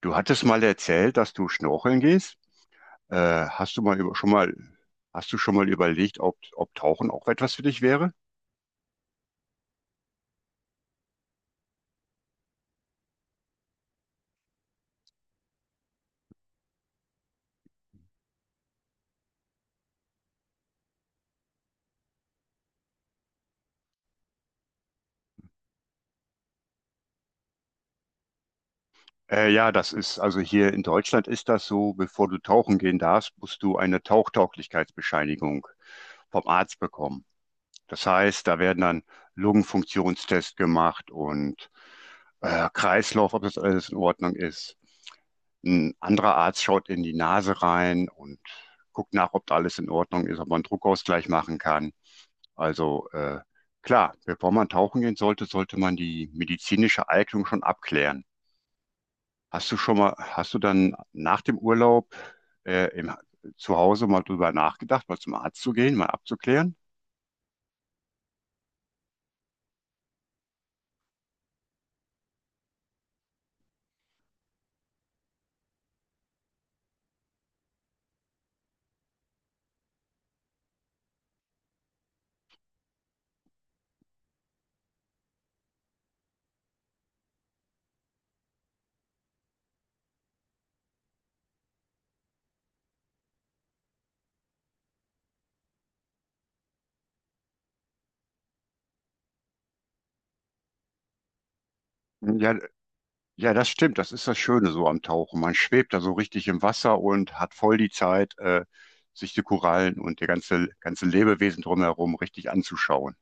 Du hattest mal erzählt, dass du schnorcheln gehst. Äh, hast du mal über, schon mal, hast du schon mal überlegt, ob Tauchen auch etwas für dich wäre? Ja, das ist, also hier in Deutschland ist das so, bevor du tauchen gehen darfst, musst du eine Tauchtauglichkeitsbescheinigung vom Arzt bekommen. Das heißt, da werden dann Lungenfunktionstests gemacht und Kreislauf, ob das alles in Ordnung ist. Ein anderer Arzt schaut in die Nase rein und guckt nach, ob da alles in Ordnung ist, ob man einen Druckausgleich machen kann. Also klar, bevor man tauchen gehen sollte, sollte man die medizinische Eignung schon abklären. Hast du dann nach dem Urlaub äh, im, zu Hause mal drüber nachgedacht, mal zum Arzt zu gehen, mal abzuklären? Ja, ja, das stimmt. Das ist das Schöne so am Tauchen. Man schwebt da so richtig im Wasser und hat voll die Zeit, sich die Korallen und die ganze Lebewesen drumherum richtig anzuschauen.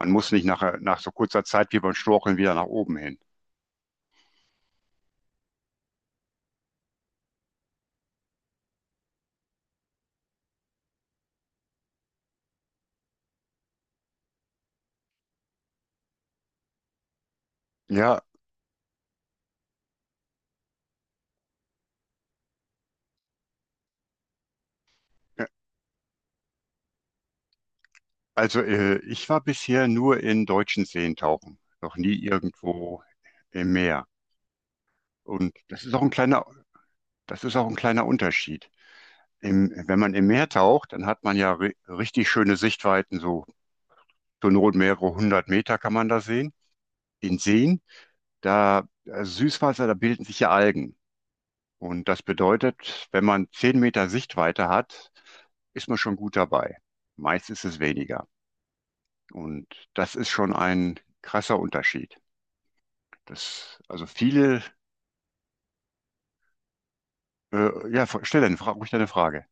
Man muss nicht nach so kurzer Zeit wie beim Storcheln wieder nach oben hin. Ja, ja. Also ich war bisher nur in deutschen Seen tauchen, noch nie irgendwo im Meer. Und das ist auch ein kleiner Unterschied. Im, wenn man im Meer taucht, dann hat man ja ri richtig schöne Sichtweiten, so zur Not mehrere hundert Meter kann man da sehen. In Seen, da Süßwasser, da bilden sich ja Algen. Und das bedeutet, wenn man zehn Meter Sichtweite hat, ist man schon gut dabei. Meist ist es weniger. Und das ist schon ein krasser Unterschied. Das, also viele, ja, stell deine Frage, ruhig deine Frage.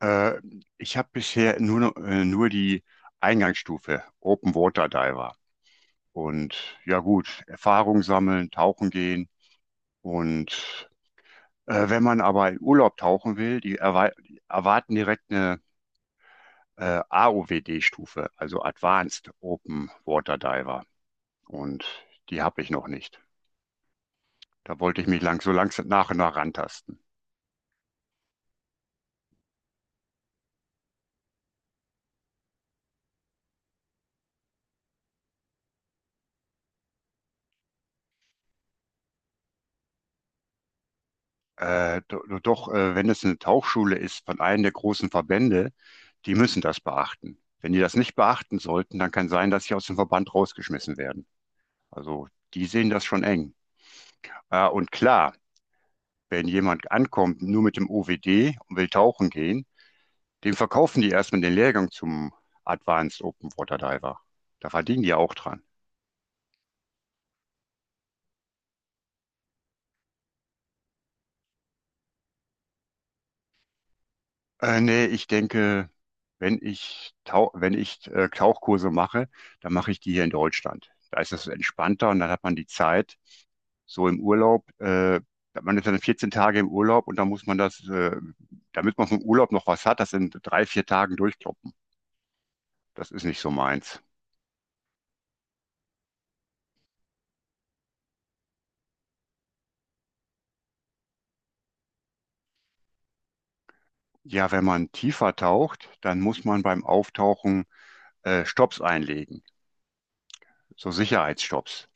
Äh, Ich habe bisher nur, nur die Eingangsstufe Open Water Diver. Und ja gut, Erfahrung sammeln, tauchen gehen. Und wenn man aber in Urlaub tauchen will, die erwarten direkt eine AOWD-Stufe, also Advanced Open Water Diver. Und die habe ich noch nicht. Da wollte ich mich lang so langsam nach und nach rantasten. Doch, wenn es eine Tauchschule ist von einem der großen Verbände, die müssen das beachten. Wenn die das nicht beachten sollten, dann kann sein, dass sie aus dem Verband rausgeschmissen werden. Also die sehen das schon eng. Und klar, wenn jemand ankommt nur mit dem OWD und will tauchen gehen, dem verkaufen die erstmal den Lehrgang zum Advanced Open Water Diver. Da verdienen die auch dran. Nee, ich denke, wenn ich Tauchkurse mache, dann mache ich die hier in Deutschland. Da ist das entspannter und dann hat man die Zeit, so im Urlaub, man ist dann 14 Tage im Urlaub und dann muss man das, damit man vom Urlaub noch was hat, das in drei, vier Tagen durchkloppen. Das ist nicht so meins. Ja, wenn man tiefer taucht, dann muss man beim Auftauchen Stopps einlegen, so Sicherheitsstopps,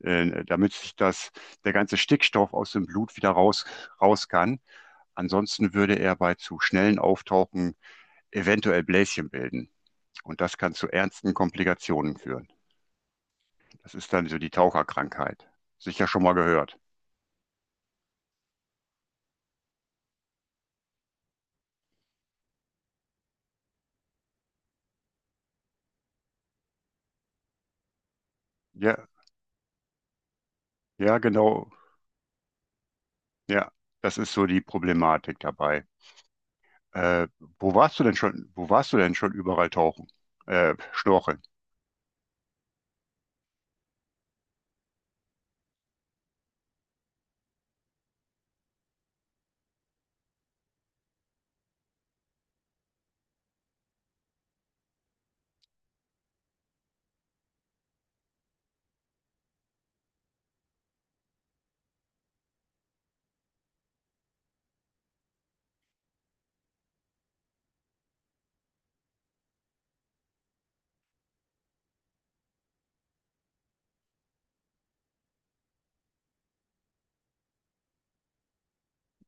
damit sich der ganze Stickstoff aus dem Blut wieder raus kann. Ansonsten würde er bei zu schnellen Auftauchen eventuell Bläschen bilden. Und das kann zu ernsten Komplikationen führen. Das ist dann so die Taucherkrankheit. Sicher schon mal gehört. Ja, ja, genau. Ja, das ist so die Problematik dabei. Äh, wo warst du denn schon überall tauchen? Schnorcheln.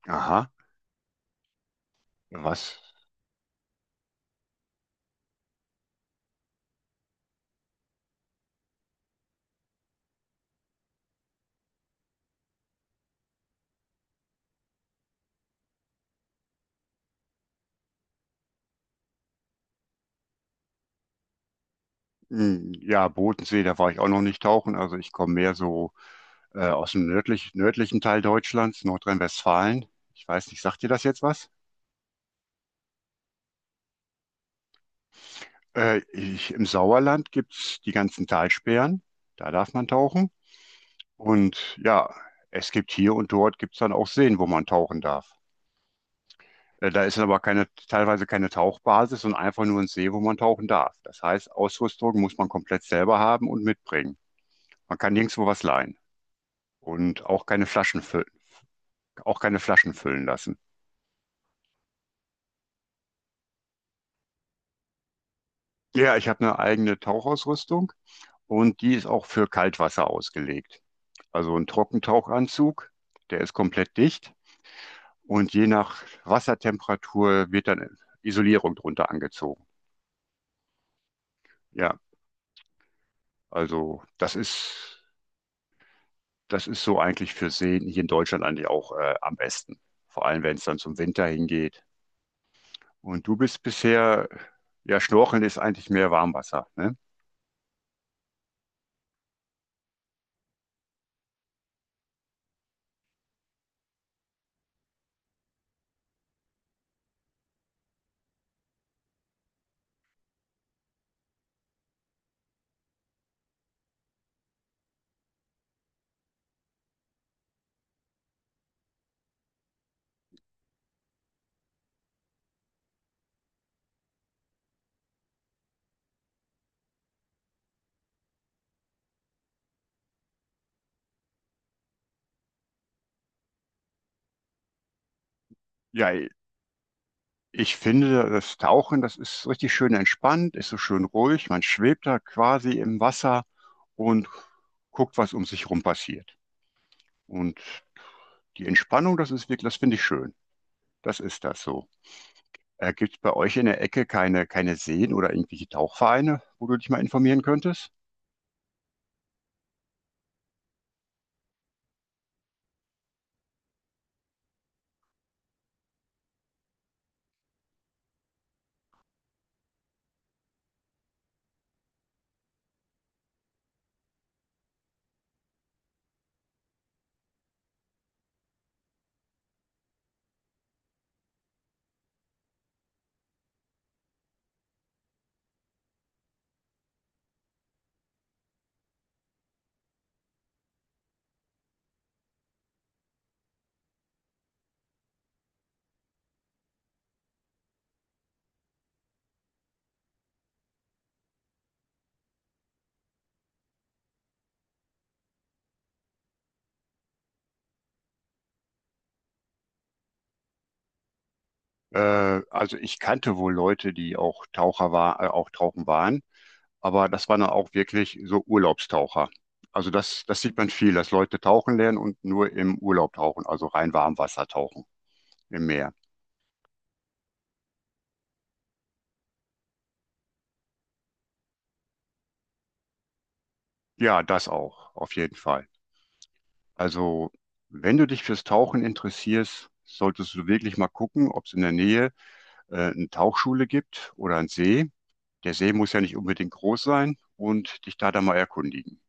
Aha, was? Hm, ja, Bodensee, da war ich auch noch nicht tauchen. Also ich komme mehr so nördlichen Teil Deutschlands, Nordrhein-Westfalen. Ich weiß nicht, sagt dir das jetzt was? Im Sauerland gibt's die ganzen Talsperren, da darf man tauchen. Und ja, es gibt hier und dort gibt's dann auch Seen, wo man tauchen darf. Da ist aber keine, teilweise keine Tauchbasis, sondern einfach nur ein See, wo man tauchen darf. Das heißt, Ausrüstung muss man komplett selber haben und mitbringen. Man kann nirgendwo was leihen und auch keine Flaschen füllen, auch keine Flaschen füllen lassen. Ja, ich habe eine eigene Tauchausrüstung und die ist auch für Kaltwasser ausgelegt. Also ein Trockentauchanzug, der ist komplett dicht. Und je nach Wassertemperatur wird dann Isolierung drunter angezogen. Ja, also das ist, das ist so eigentlich für Seen hier in Deutschland eigentlich auch am besten. Vor allem, wenn es dann zum Winter hingeht. Und du bist bisher, ja, Schnorcheln ist eigentlich mehr Warmwasser, ne? Ja, ich finde, das ist richtig schön entspannt, ist so schön ruhig. Man schwebt da quasi im Wasser und guckt, was um sich rum passiert. Und die Entspannung, das finde ich schön. Das ist das so. Gibt es bei euch in der Ecke keine Seen oder irgendwelche Tauchvereine, wo du dich mal informieren könntest? Also ich kannte wohl Leute, die auch auch tauchen waren, aber das waren dann auch wirklich so Urlaubstaucher. Also das, das sieht man viel, dass Leute tauchen lernen und nur im Urlaub tauchen, also rein Warmwasser tauchen im Meer. Ja, das auch, auf jeden Fall. Also wenn du dich fürs Tauchen interessierst, solltest du wirklich mal gucken, ob es in der Nähe eine Tauchschule gibt oder einen See. Der See muss ja nicht unbedingt groß sein und dich da dann mal erkundigen.